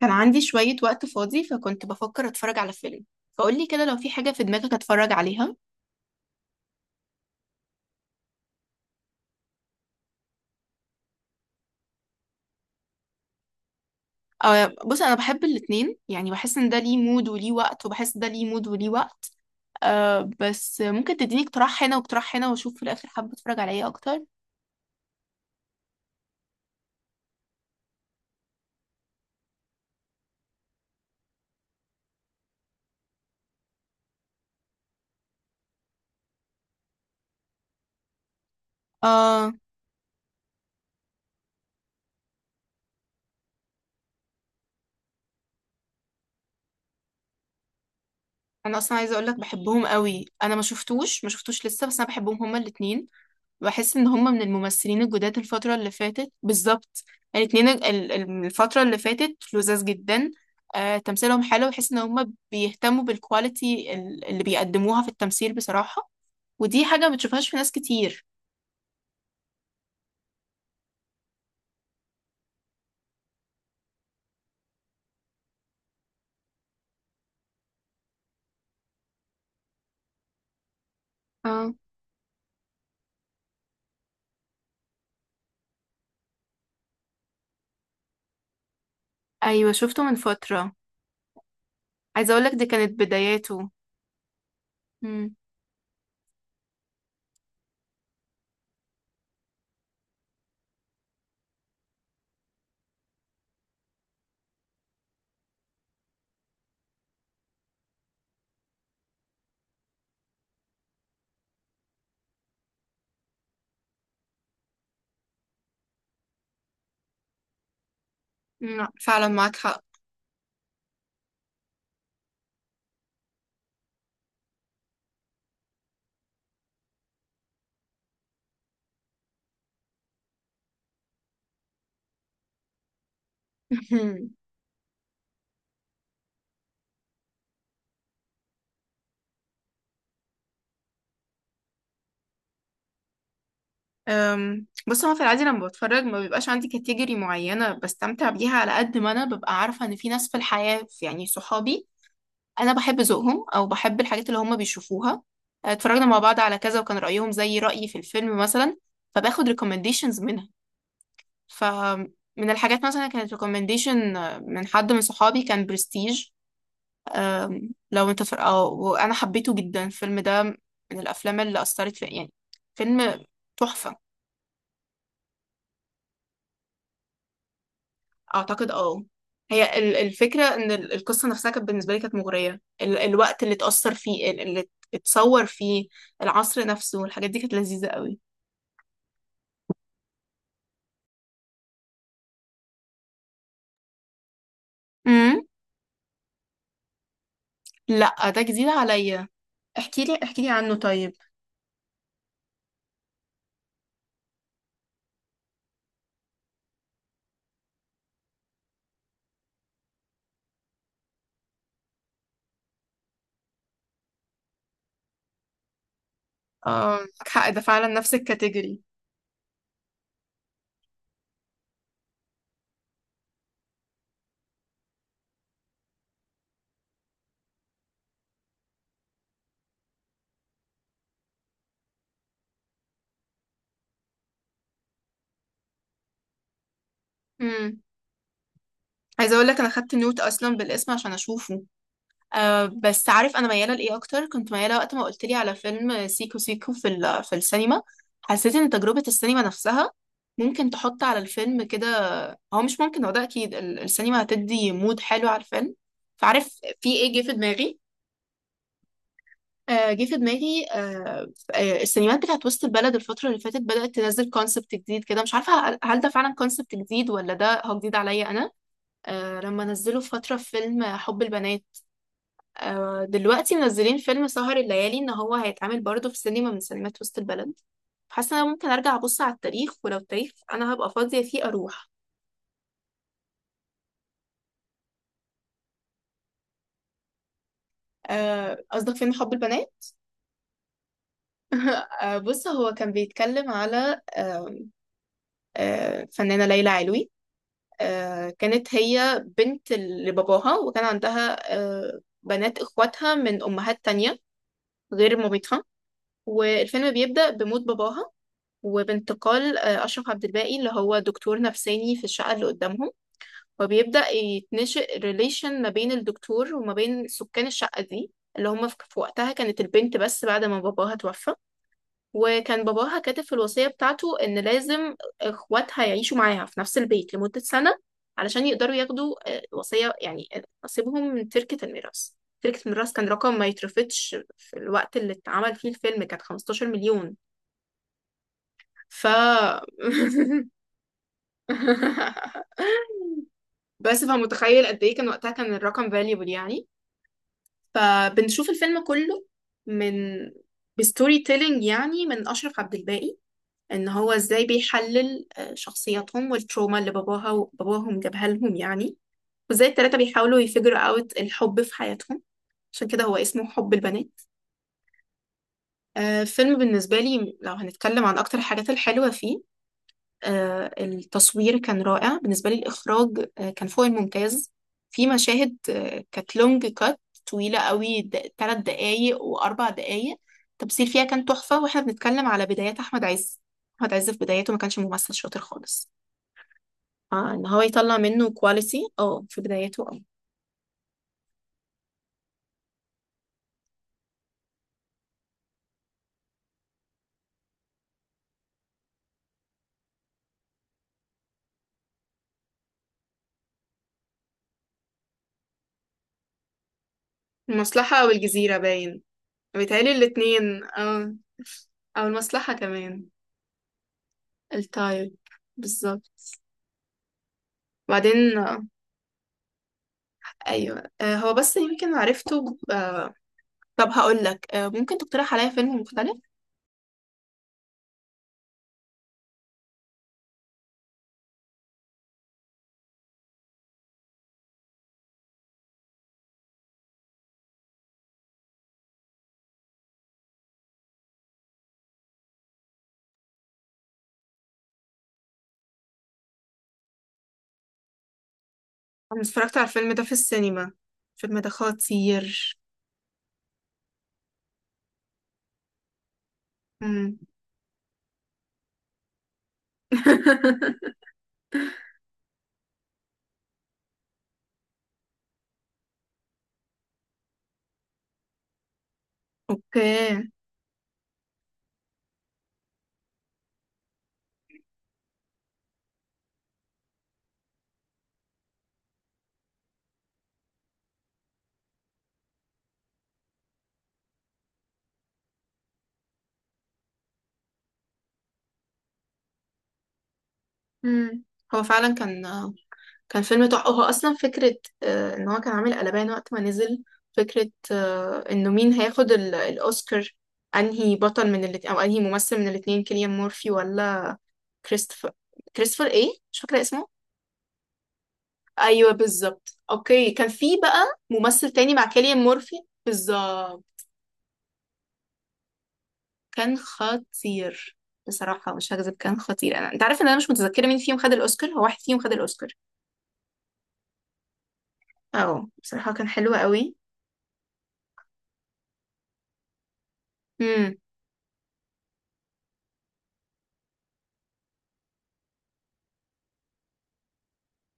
كان عندي شوية وقت فاضي، فكنت بفكر اتفرج على فيلم. فقولي كده لو في حاجة في دماغك اتفرج عليها. بص انا بحب الاتنين، يعني بحس ان ده ليه مود وليه وقت، وبحس ده ليه مود وليه وقت. بس ممكن تديني اقتراح هنا واقتراح هنا واشوف في الاخر حابة اتفرج على ايه اكتر. أه انا اصلا عايزة اقولك بحبهم قوي. انا ما شفتوش لسه، بس انا بحبهم هما الاتنين. بحس ان هم من الممثلين الجداد الفترة اللي فاتت بالظبط. الاتنين، الفترة اللي فاتت لذاذ جدا. تمثيلهم حلو، بحس ان هم بيهتموا بالكواليتي اللي بيقدموها في التمثيل بصراحة. ودي حاجة ما بتشوفهاش في ناس كتير. اه، ايوه شفته من فترة. عايزة اقولك دي كانت بداياته. مم. لا، فعلا معاك حق. بص هو في العادي لما بتفرج ما بيبقاش عندي كاتيجوري معينة بستمتع بيها، على قد ما أنا ببقى عارفة إن في ناس في الحياة يعني صحابي انا بحب ذوقهم او بحب الحاجات اللي هم بيشوفوها. اتفرجنا مع بعض على كذا وكان رايهم زي رايي في الفيلم مثلا، فباخد ريكومنديشنز منها. فمن الحاجات مثلا كانت ريكومنديشن من حد من صحابي كان برستيج. لو انت فر... أو... وانا حبيته جدا. الفيلم ده من الافلام اللي اثرت في يعني، فيلم تحفه. اعتقد اه. هي الفكره ان القصه نفسها كانت بالنسبه لي كانت مغريه، الوقت اللي اتاثر فيه اتصور فيه. العصر نفسه والحاجات دي كانت لذيذه قوي. امم. لا ده جديد عليا. احكي لي عنه طيب. اه معاك حق، ده فعلا نفس الكاتيجوري. امم. عايزه اقول لك انا خدت نوت اصلا بالاسم عشان اشوفه. بس عارف انا مياله لايه اكتر. كنت مياله وقت ما قلت لي على فيلم سيكو سيكو في السينما. حسيت ان تجربه السينما نفسها ممكن تحط على الفيلم كده، هو مش ممكن، هو ده اكيد السينما هتدي مود حلو على الفيلم. فعارف في ايه جه في دماغي. آه، جه في دماغي آه، السينمات بتاعت وسط البلد الفترة اللي فاتت بدأت تنزل كونسبت جديد كده، مش عارفة هل ده فعلا كونسبت جديد ولا ده هو جديد عليا أنا. لما نزلوا في فترة فيلم حب البنات. دلوقتي منزلين فيلم سهر الليالي، إن هو هيتعمل برضه في سينما من سينمات وسط البلد. حاسة إن أنا ممكن أرجع أبص على التاريخ، ولو التاريخ أنا هبقى فاضية فيه أروح. قصدك فيلم حب البنات. بص هو كان بيتكلم على فنانة ليلى علوي. كانت هي بنت لباباها وكان عندها بنات اخواتها من امهات تانية غير مامتها. والفيلم بيبدأ بموت باباها، وبانتقال أشرف عبد الباقي اللي هو دكتور نفساني في الشقة اللي قدامهم. وبيبدأ يتنشئ ريليشن ما بين الدكتور وما بين سكان الشقة دي اللي هم في وقتها كانت البنت بس بعد ما باباها توفى. وكان باباها كاتب في الوصية بتاعته إن لازم إخواتها يعيشوا معاها في نفس البيت لمدة سنة، علشان يقدروا ياخدوا وصية يعني نصيبهم من تركة الميراث. تركة الميراث كان رقم ما يترفضش، في الوقت اللي اتعمل فيه الفيلم كانت 15 مليون. ف بس فمتخيل قد ايه كان وقتها كان الرقم فاليبل يعني. فبنشوف الفيلم كله من بستوري تيلينج يعني من أشرف عبد الباقي، ان هو ازاي بيحلل شخصياتهم والتروما اللي باباها وباباهم جابها لهم يعني. وازاي التلاتة بيحاولوا يفجروا اوت الحب في حياتهم، عشان كده هو اسمه حب البنات. فيلم بالنسبة لي، لو هنتكلم عن أكتر الحاجات الحلوة فيه: التصوير كان رائع بالنسبة لي. الإخراج كان فوق الممتاز. في مشاهد كانت لونج كات، طويلة قوي، تلات دقايق وأربع دقايق. التمثيل فيها كان تحفة، واحنا بنتكلم على بدايات أحمد عز. أحمد عز في بدايته ما كانش ممثل شاطر خالص. اه ان هو يطلع منه كواليتي اه في بدايته اه. المصلحة أو الجزيرة باين، بيتهيألي الاتنين اه. أو المصلحة كمان، التايب بالظبط. بعدين أيوه، هو بس يمكن عرفته ب- آه، طب هقولك، ممكن تقترح عليا فيلم مختلف؟ أنا اتفرجت على الفيلم ده في السينما. الفيلم ده خطير. مم. أوكي. مم. هو فعلا كان فيلم تحفة. هو أصلا فكرة، إن هو كان عامل قلبان وقت ما نزل. فكرة إنه مين هياخد الأوسكار، أنهي بطل من الاتنين أو أنهي ممثل من الاتنين، كيليان مورفي ولا كريستوفر كريستوفر إيه؟ مش فاكرة اسمه. أيوه بالظبط. أوكي، كان في بقى ممثل تاني مع كيليان مورفي. بالظبط. كان خطير. بصراحة مش هكذب، كان خطير. أنا أنت عارف إن أنا مش متذكرة مين فيهم خد الأوسكار، هو واحد فيهم خد الأوسكار. بصراحة كان حلو قوي.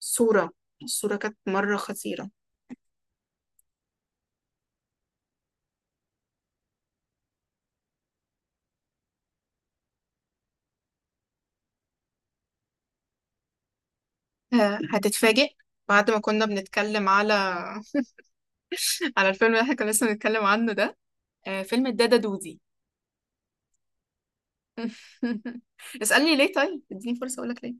صورة الصورة كانت مرة خطيرة. هتتفاجئ. بعد ما كنا بنتكلم على على الفيلم اللي احنا كنا لسه بنتكلم عنه ده: فيلم الدادا دودي. اسألني ليه طيب، اديني فرصة اقولك ليه.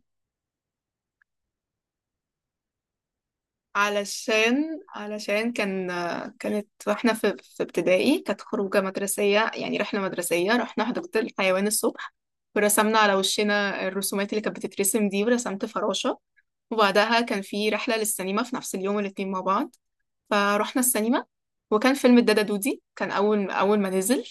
علشان كانت، واحنا في ابتدائي، كانت خروجة مدرسية يعني رحلة مدرسية، رحنا حديقة الحيوان الصبح. ورسمنا على وشنا الرسومات اللي كانت بتترسم دي، ورسمت فراشة. وبعدها كان في رحلة للسينما في نفس اليوم، الاتنين مع بعض، فروحنا السينما. وكان فيلم الدادا دودي كان أول أول ما نزل.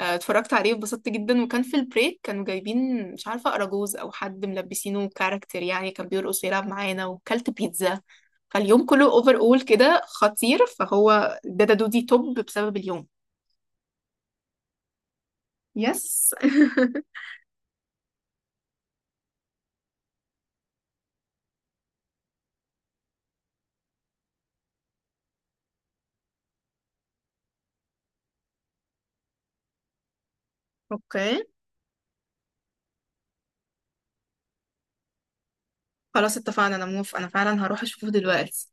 اتفرجت عليه واتبسطت جدا. وكان في البريك كانوا جايبين مش عارفة أراجوز أو حد ملبسينه كاركتر يعني، كان بيرقص ويلعب معانا وكلت بيتزا. فاليوم كله اوفر اول كده خطير، فهو الدادا دودي توب بسبب اليوم. يس. اوكي. خلاص اتفقنا، انا موافقة، انا فعلا هروح اشوفه دلوقتي.